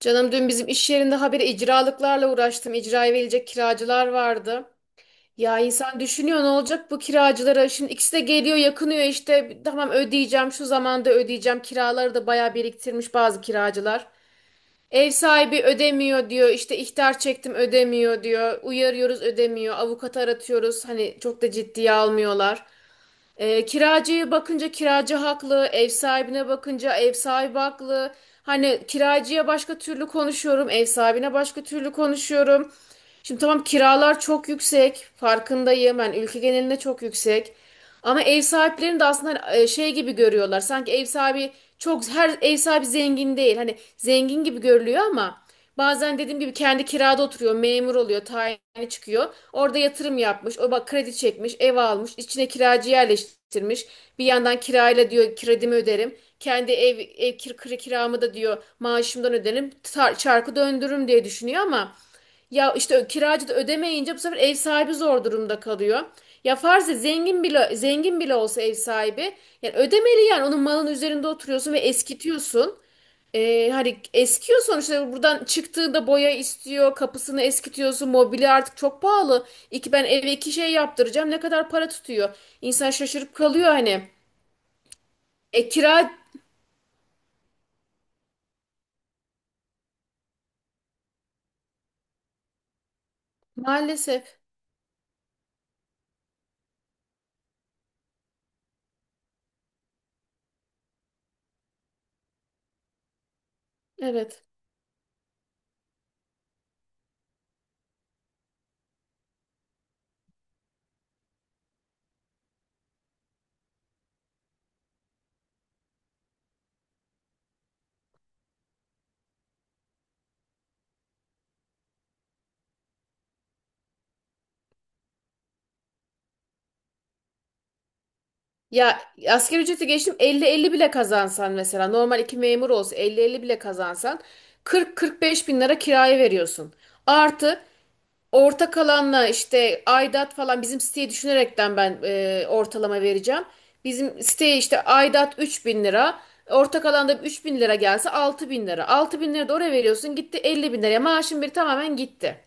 Canım dün bizim iş yerinde habire icralıklarla uğraştım. İcraya verilecek kiracılar vardı. Ya insan düşünüyor ne olacak bu kiracılara? Şimdi ikisi de geliyor yakınıyor işte. Tamam ödeyeceğim şu zamanda ödeyeceğim. Kiraları da bayağı biriktirmiş bazı kiracılar. Ev sahibi ödemiyor diyor. İşte ihtar çektim ödemiyor diyor. Uyarıyoruz ödemiyor. Avukatı aratıyoruz. Hani çok da ciddiye almıyorlar. E, kiracıya bakınca kiracı haklı, ev sahibine bakınca ev sahibi haklı. Hani kiracıya başka türlü konuşuyorum, ev sahibine başka türlü konuşuyorum. Şimdi tamam kiralar çok yüksek, farkındayım. Ben ülke genelinde çok yüksek. Ama ev sahiplerini de aslında hani, şey gibi görüyorlar. Sanki ev sahibi çok, her ev sahibi zengin değil. Hani zengin gibi görülüyor ama bazen dediğim gibi kendi kirada oturuyor, memur oluyor, tayini çıkıyor. Orada yatırım yapmış, o bak kredi çekmiş, ev almış, içine kiracı yerleştirmiş. Bir yandan kirayla diyor kredimi öderim. Kendi kiramı da diyor maaşımdan öderim. Çarkı döndürürüm diye düşünüyor ama ya işte kiracı da ödemeyince bu sefer ev sahibi zor durumda kalıyor. Ya farz et, zengin bile olsa ev sahibi, yani ödemeli, yani onun malın üzerinde oturuyorsun ve eskitiyorsun. E, hani eskiyor sonuçta, buradan çıktığında boya istiyor, kapısını eskitiyorsun, mobilya artık çok pahalı, iki ben eve iki şey yaptıracağım ne kadar para tutuyor, insan şaşırıp kalıyor hani. E kira. Maalesef. Evet. Ya, asgari ücreti geçtim, elli elli bile kazansan, mesela normal iki memur olsa elli elli bile kazansan, 40-45 bin lira kiraya veriyorsun, artı ortak alanla işte aidat falan. Bizim siteyi düşünerekten ben ortalama vereceğim. Bizim siteye işte aidat 3.000 lira. Ortak alanda 3.000 lira gelse 6.000 lira. 6.000 lira da oraya veriyorsun, gitti 50 bin liraya maaşın bir tamamen gitti.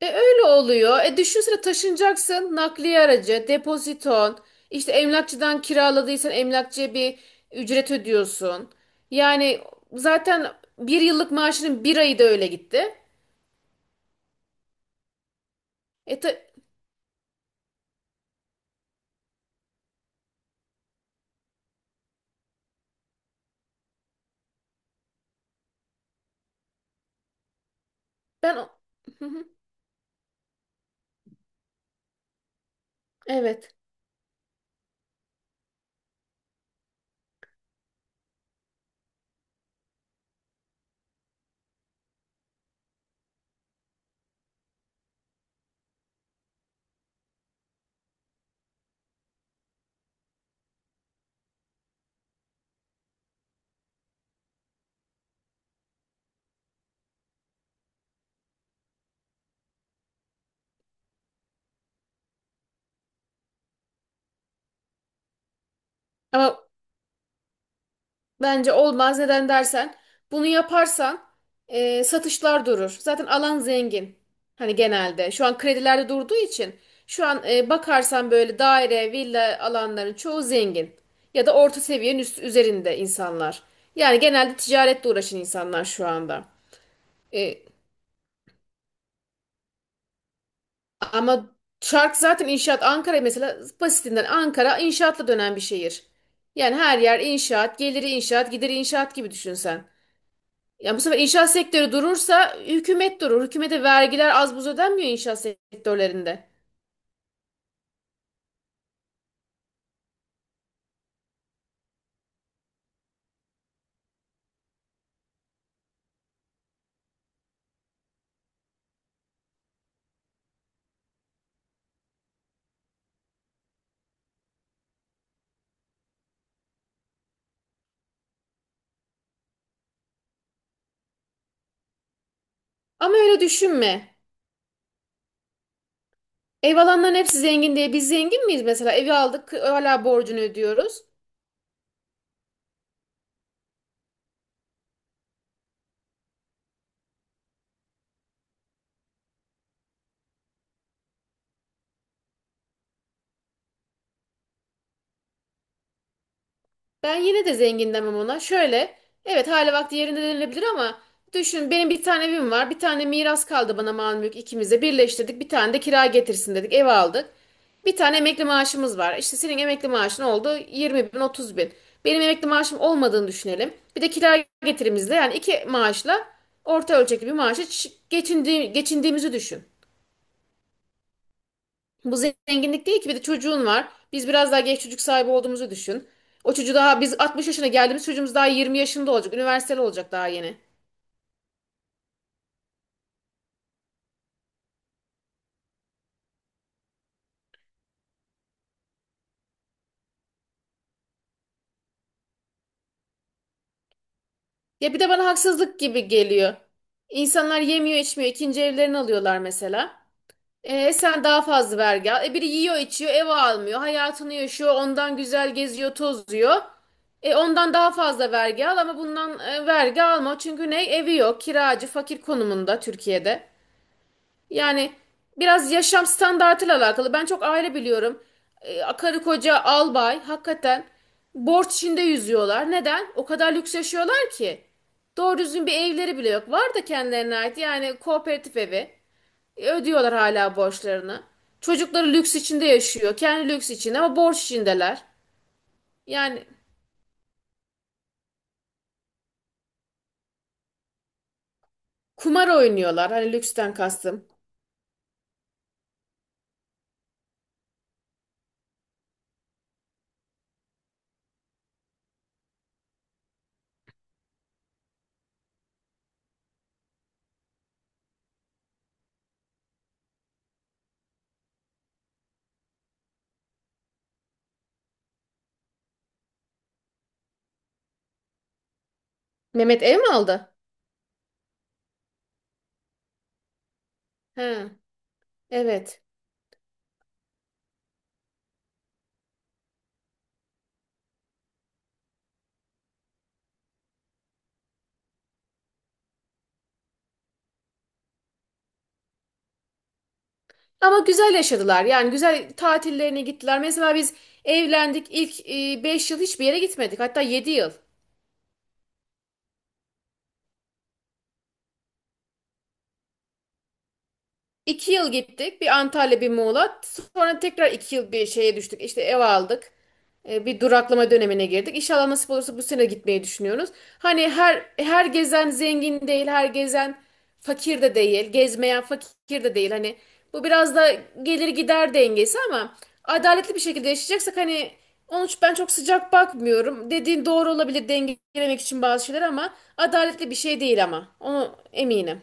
E öyle oluyor. E düşünsene, taşınacaksın, nakliye aracı, depoziton, işte emlakçıdan kiraladıysan emlakçıya bir ücret ödüyorsun. Yani zaten bir yıllık maaşının bir ayı da öyle gitti. E ben... Evet. Ama bence olmaz. Neden dersen, bunu yaparsan satışlar durur. Zaten alan zengin. Hani genelde. Şu an kredilerde durduğu için şu an bakarsan böyle daire, villa alanların çoğu zengin. Ya da orta seviyenin üzerinde insanlar. Yani genelde ticaretle uğraşan insanlar şu anda. E, ama çark zaten inşaat. Ankara mesela, basitinden Ankara inşaatla dönen bir şehir. Yani her yer inşaat, geliri inşaat, gideri inşaat gibi düşünsen. Ya bu sefer inşaat sektörü durursa hükümet durur. Hükümete vergiler az buz ödenmiyor inşaat sektörlerinde. Ama öyle düşünme. Ev alanların hepsi zengin diye biz zengin miyiz mesela? Evi aldık hala borcunu ödüyoruz. Ben yine de zengin demem ona. Şöyle, evet, hali vakti yerinde denilebilir ama düşün, benim bir tane evim var. Bir tane miras kaldı bana, mal mülk ikimize birleştirdik. Bir tane de kira getirsin dedik, ev aldık. Bir tane emekli maaşımız var. İşte senin emekli maaşın oldu 20 bin 30 bin. Benim emekli maaşım olmadığını düşünelim. Bir de kira getirimizle, yani iki maaşla orta ölçekli bir maaşa geçindiğimizi düşün. Bu zenginlik değil ki, bir de çocuğun var. Biz biraz daha geç çocuk sahibi olduğumuzu düşün. O çocuğu daha, biz 60 yaşına geldiğimiz çocuğumuz daha 20 yaşında olacak. Üniversiteli olacak daha yeni. Ya bir de bana haksızlık gibi geliyor. İnsanlar yemiyor içmiyor, ikinci evlerini alıyorlar mesela. E, sen daha fazla vergi al. E, biri yiyor içiyor, ev almıyor, hayatını yaşıyor. Ondan güzel geziyor tozuyor. E, ondan daha fazla vergi al ama bundan vergi alma. Çünkü ne, evi yok, kiracı fakir konumunda Türkiye'de. Yani biraz yaşam standartıyla alakalı. Ben çok aile biliyorum. Karı koca albay hakikaten borç içinde yüzüyorlar. Neden? O kadar lüks yaşıyorlar ki. Doğru düzgün bir evleri bile yok. Var da kendilerine ait, yani kooperatif evi. E, ödüyorlar hala borçlarını. Çocukları lüks içinde yaşıyor. Kendi lüks içinde ama borç içindeler. Yani kumar oynuyorlar, hani lüksten kastım. Mehmet ev mi aldı? He, evet. Ama güzel yaşadılar. Yani güzel tatillerine gittiler. Mesela biz evlendik, ilk 5 yıl hiçbir yere gitmedik. Hatta 7 yıl. 2 yıl gittik. Bir Antalya, bir Muğla. Sonra tekrar 2 yıl bir şeye düştük. İşte ev aldık. E, bir duraklama dönemine girdik. İnşallah nasip olursa bu sene gitmeyi düşünüyoruz. Hani her gezen zengin değil, her gezen fakir de değil, gezmeyen fakir de değil. Hani bu biraz da gelir gider dengesi, ama adaletli bir şekilde yaşayacaksak hani, onun için ben çok sıcak bakmıyorum. Dediğin doğru olabilir, dengelemek için bazı şeyler, ama adaletli bir şey değil ama. Onu eminim.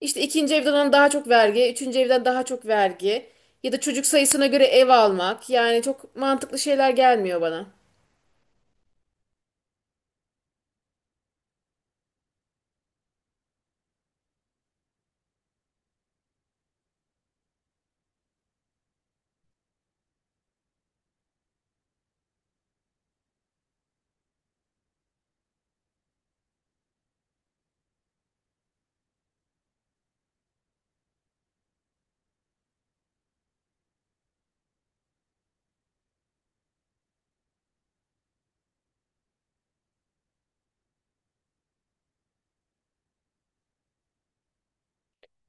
İşte ikinci evden alınan daha çok vergi, üçüncü evden daha çok vergi, ya da çocuk sayısına göre ev almak. Yani çok mantıklı şeyler gelmiyor bana.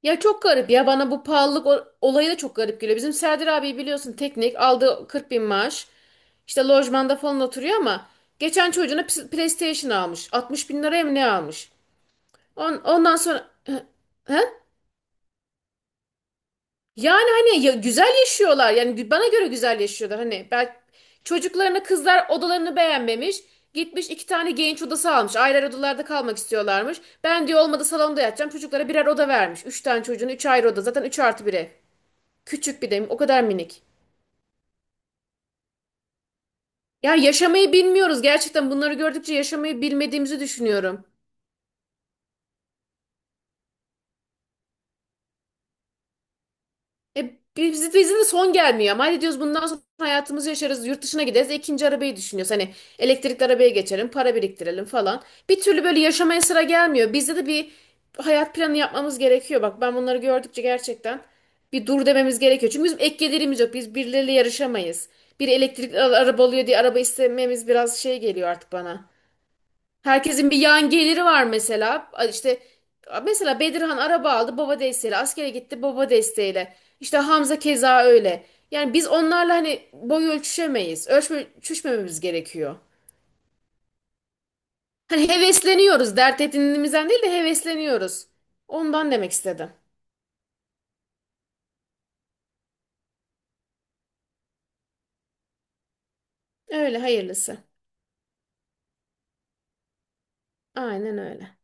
Ya çok garip ya, bana bu pahalılık olayı da çok garip geliyor. Bizim Serdar abi biliyorsun, teknik aldığı 40 bin maaş. İşte lojmanda falan oturuyor ama geçen çocuğuna PlayStation almış. 60 bin liraya mı ne almış? Ondan sonra... He? Yani hani ya, güzel yaşıyorlar. Yani bana göre güzel yaşıyorlar. Hani belki çocuklarına, kızlar odalarını beğenmemiş. Gitmiş iki tane genç odası almış. Ayrı ayrı odalarda kalmak istiyorlarmış. Ben diyor olmadı, salonda yatacağım. Çocuklara birer oda vermiş. Üç tane çocuğun üç ayrı oda. Zaten üç artı bire. Küçük bir de, o kadar minik. Yani yaşamayı bilmiyoruz. Gerçekten bunları gördükçe yaşamayı bilmediğimizi düşünüyorum. E, bizim de son gelmiyor ama hadi diyoruz bundan sonra hayatımızı yaşarız, yurt dışına gideriz. E, ikinci arabayı düşünüyoruz hani, elektrikli arabaya geçelim, para biriktirelim falan. Bir türlü böyle yaşamaya sıra gelmiyor, bizde de bir hayat planı yapmamız gerekiyor. Bak ben bunları gördükçe gerçekten bir dur dememiz gerekiyor, çünkü bizim ek gelirimiz yok, biz birileriyle yarışamayız. Bir elektrikli araba oluyor diye araba istememiz biraz şey geliyor artık bana. Herkesin bir yan geliri var mesela. İşte mesela Bedirhan araba aldı baba desteğiyle. Askere gitti baba desteğiyle. İşte Hamza keza öyle. Yani biz onlarla hani boy ölçüşemeyiz. Ölçüşmememiz gerekiyor. Hani hevesleniyoruz. Dert edindiğimizden değil de hevesleniyoruz. Ondan demek istedim. Öyle hayırlısı. Aynen öyle.